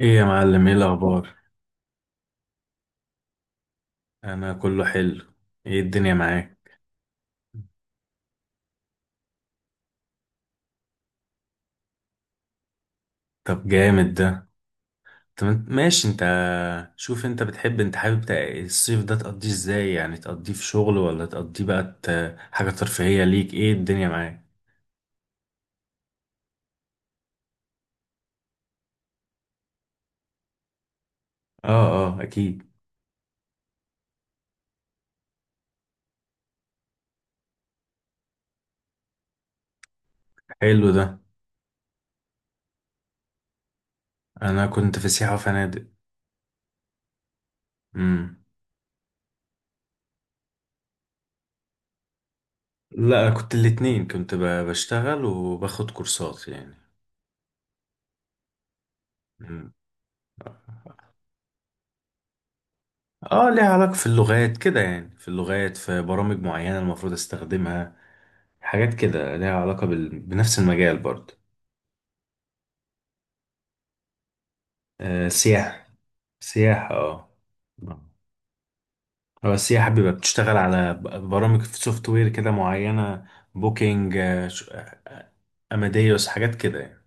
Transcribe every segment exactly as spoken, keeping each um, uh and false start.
ايه يا معلم؟ ايه الاخبار؟ انا كله حلو. ايه الدنيا معاك؟ طب جامد ده. طب انت- ماشي. انت شوف، انت بتحب انت حابب تق- الصيف ده تقضيه ازاي؟ يعني تقضيه في شغل، ولا تقضيه بقى ت- حاجة ترفيهية ليك؟ ايه الدنيا معاك؟ اه. اه، اكيد. حلو ده. انا كنت في سياحة وفنادق. امم. لا، كنت الاتنين، كنت ب- بشتغل وباخد كورسات يعني. مم. اه، ليها علاقة في اللغات كده، يعني في اللغات، في برامج معينة المفروض استخدمها. حاجات كده ليها علاقة بال... بنفس المجال برضه. آه، سياحة. سياحة اه. هو السياحة بيبقى بتشتغل على ب- برامج في سوفت وير كده معينة. بوكينج، آه ش- آه، أماديوس، حاجات كده يعني.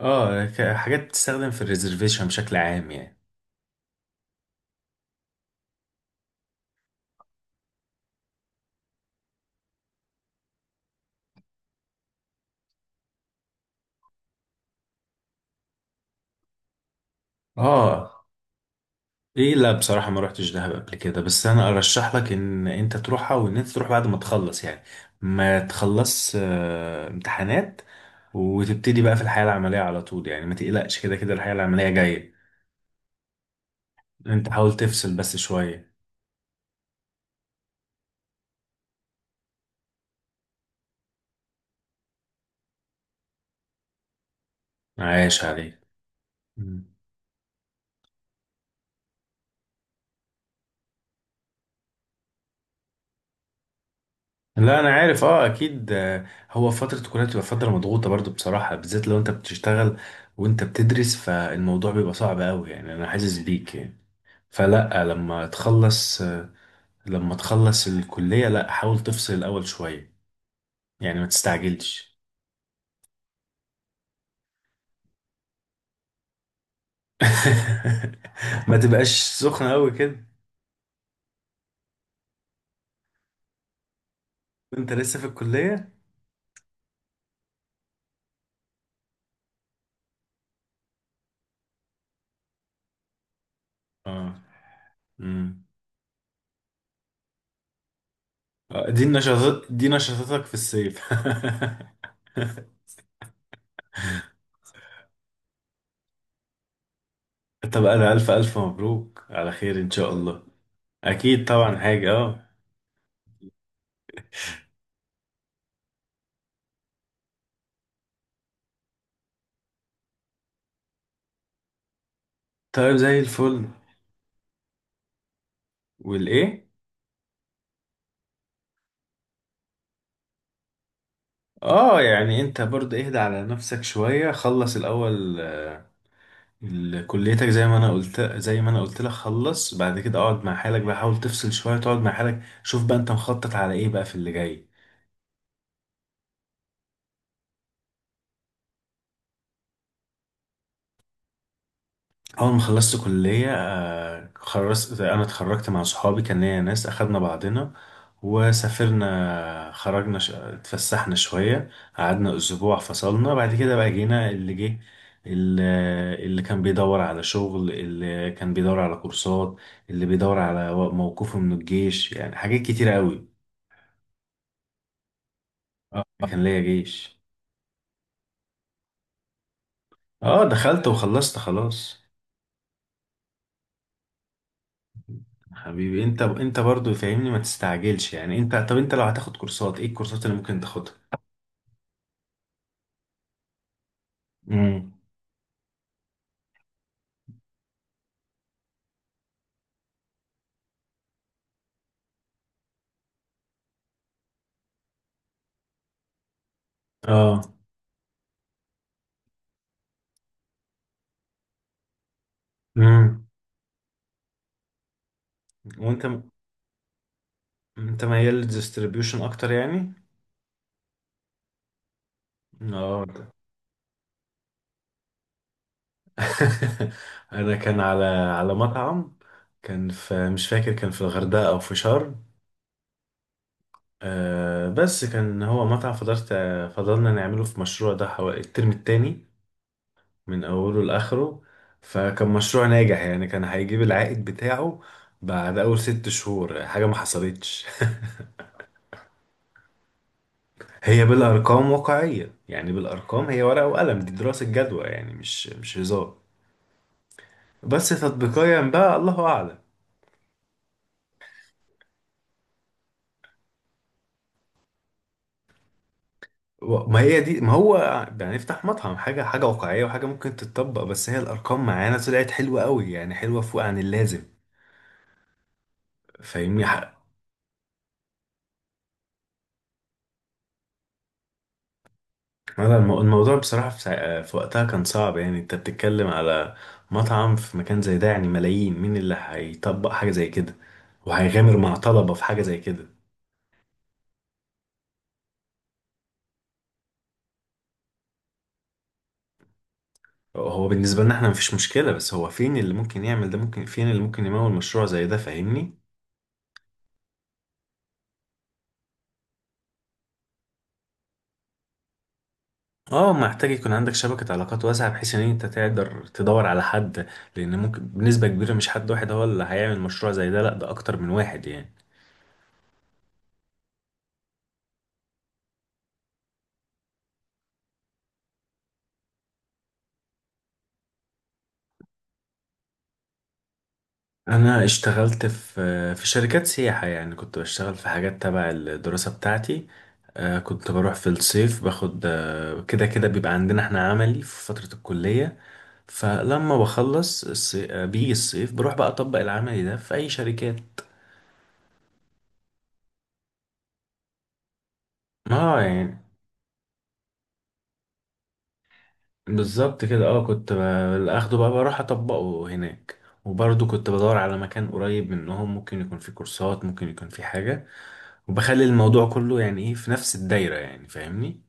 اه، ك- حاجات بتستخدم في الريزرفيشن بشكل عام يعني. اه. ايه، لا بصراحة ما روحتش دهب قبل كده، بس انا ارشح لك ان انت تروحها، وان انت تروح بعد ما تخلص يعني. ما تخلص آه، امتحانات، وتبتدي بقى في الحياة العملية على طول. يعني ما تقلقش، كده كده الحياة العملية جاية. انت حاول تفصل بس شوية. عايش عليك. مم. لا انا عارف، اه اكيد. آه، هو فترة الكلية بتبقى فترة مضغوطة برضو بصراحة، بالذات لو انت بتشتغل وانت بتدرس، فالموضوع بيبقى صعب قوي يعني، انا حاسس بيك يعني. فلا، لما تخلص آه، لما تخلص الكلية، لا حاول تفصل الأول شوية. يعني ما تستعجلش. ما تبقاش سخنة أوي كده. وأنت لسه في الكلية! اه. امم. آه، دي النشاطات، دي نشاطاتك في الصيف. طب أنا ألف ألف مبروك على خير إن شاء الله. أكيد طبعا، حاجة اه. طيب زي الفل. والإيه؟ اه يعني أنت برضه اهدى على نفسك شوية، خلص الأول. ال- كليتك، زي ما انا قلت زي ما انا قلت لك خلص. بعد كده اقعد مع حالك بقى، حاول تفصل شويه، تقعد مع حالك، شوف بقى انت مخطط على ايه بقى في اللي جاي. اول ما خلصت كليه، آه، خلصت، انا اتخرجت مع صحابي، كان ليا ناس اخدنا بعضنا وسافرنا، خرجنا ش... اتفسحنا شويه، قعدنا اسبوع، فصلنا بعد كده بقى، جينا اللي جه. ال- اللي كان بيدور على شغل، اللي كان بيدور على كورسات، اللي بيدور على موقفه من الجيش، يعني حاجات كتيرة قوي. اه كان ليا جيش. اه دخلت وخلصت خلاص. حبيبي انت انت برضو فاهمني، ما تستعجلش يعني. انت طب انت لو هتاخد كورسات، ايه الكورسات اللي ممكن تاخدها؟ امم. اه. امم. وانت م... انت ميال للديستريبيوشن اكتر يعني. اه ده. انا كان على على مطعم، كان في، مش فاكر، كان في الغردقة او في شرم. آه بس كان هو مطعم، فضلت فضلنا نعمله في مشروع ده حوالي الترم التاني من أوله لآخره. فكان مشروع ناجح يعني، كان هيجيب العائد بتاعه بعد أول ست شهور، حاجة ما حصلتش. هي بالأرقام واقعية، يعني بالأرقام، هي ورقة وقلم، دي دراسة جدوى يعني، مش مش هزار. بس تطبيقيا بقى الله أعلم. و- ما هي دي، ما هو يعني افتح مطعم، حاجة حاجة واقعية وحاجة ممكن تتطبق، بس هي الأرقام معانا طلعت حلوة قوي يعني، حلوة فوق عن اللازم. فاهمني؟ هذا المو- الموضوع بصراحة في, سا... آه، في وقتها كان صعب، يعني انت بتتكلم على مطعم في مكان زي ده، يعني ملايين، مين اللي هيطبق حاجة زي كده وهيغامر مع طلبة في حاجة زي كده؟ هو بالنسبة لنا احنا مفيش مشكلة، بس هو فين اللي ممكن يعمل ده؟ ممكن فين اللي ممكن يمول مشروع زي ده؟ فاهمني. اه محتاج يكون عندك شبكة علاقات واسعة، بحيث ان انت تقدر تدور على حد، لان ممكن بنسبة كبيرة مش حد واحد هو اللي هيعمل مشروع زي ده، لا ده اكتر من واحد يعني. انا اشتغلت في في شركات سياحة، يعني كنت بشتغل في حاجات تبع الدراسة بتاعتي. آه، كنت بروح في الصيف باخد، آه، كده كده بيبقى عندنا احنا عملي في فترة الكلية، فلما بخلص الصي- آه، بيجي الصيف بروح بقى اطبق العملي ده في اي شركات. اه يعني بالظبط كده. اه كنت ب- اخده بقى، بروح اطبقه هناك، وبرضه كنت بدور على مكان قريب منهم، ممكن يكون فيه كورسات، ممكن يكون فيه حاجة، وبخلي الموضوع كله يعني ايه في نفس الدايرة يعني. فاهمني؟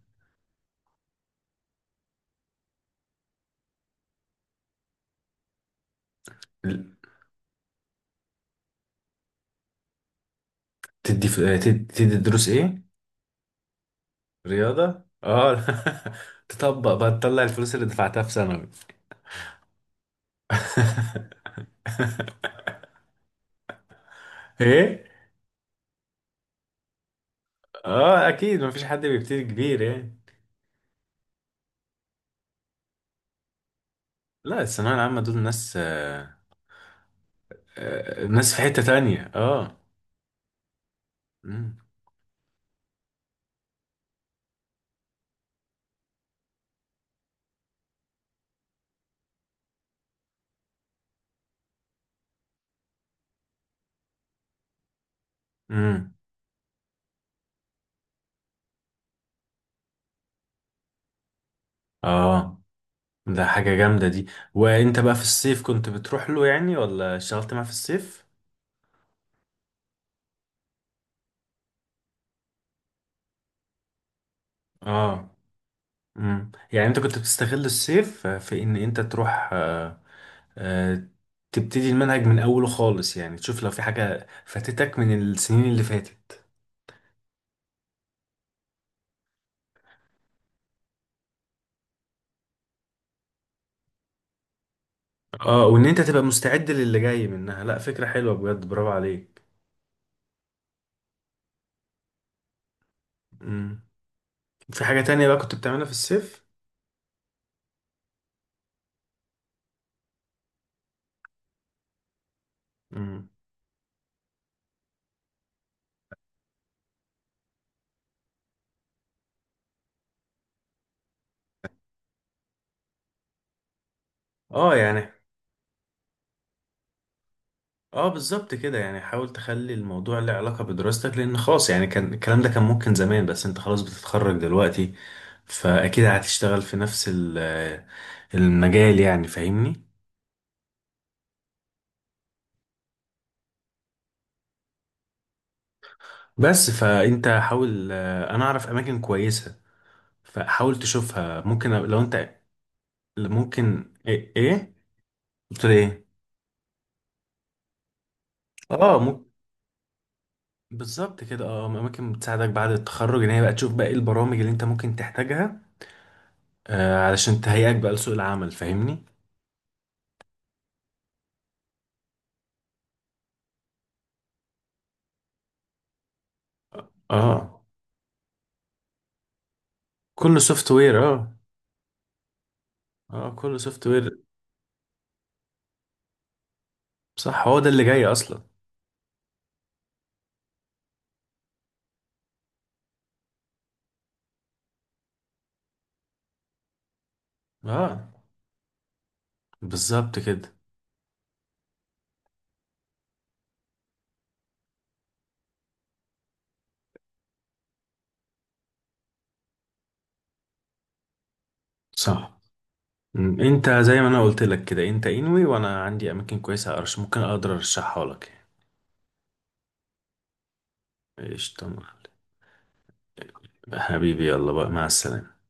تدي ف... تدي, تدي دروس ايه؟ رياضة اه. تطبق بقى، تطلع الفلوس اللي دفعتها في ثانوي. ايه. اه اكيد، مفيش حد بيبتدي كبير يعني. لا الثانوية العامة دول ناس آه، آه ناس في حتة تانية اه. امم. امم. اه ده حاجة جامدة دي. وانت بقى في الصيف كنت بتروح له يعني ولا اشتغلت معاه في الصيف؟ اه. امم يعني انت كنت بتستغل الصيف في ان انت تروح، آه، تبتدي المنهج من اوله خالص، يعني تشوف لو في حاجة فاتتك من السنين اللي فاتت. اه وان انت تبقى مستعد للي جاي منها. لا فكرة حلوة بجد، برافو عليك. امم. في حاجة تانية بقى كنت بتعملها في الصيف؟ امم. اه يعني. اه بالظبط كده، يعني حاول تخلي الموضوع له علاقة بدراستك، لان خلاص يعني كان الكلام ده كان ممكن زمان، بس انت خلاص بتتخرج دلوقتي، فاكيد هتشتغل في نفس ال- المجال يعني. فاهمني؟ بس فانت حاول، آه، انا اعرف اماكن كويسة، فحاول تشوفها ممكن لو انت. ممكن ايه ايه؟ قلت له ايه؟ اه ممكن. بالظبط كده، اه اماكن بتساعدك بعد التخرج، ان هي بقى تشوف بقى ايه البرامج اللي انت ممكن تحتاجها، آه علشان تهيئك بقى لسوق العمل. فاهمني؟ اه كله سوفت وير اه. اه كله سوفت وير. صح، هو ده اللي جاي اصلا. اه بالظبط كده. صح. م، انت زي ما انا قلت لك كده، انت انوي وانا عندي اماكن كويسه، ارش ممكن اقدر ارشحها لك. يعني. قشطه يا معلم. حبيبي يلا بقى مع السلامه.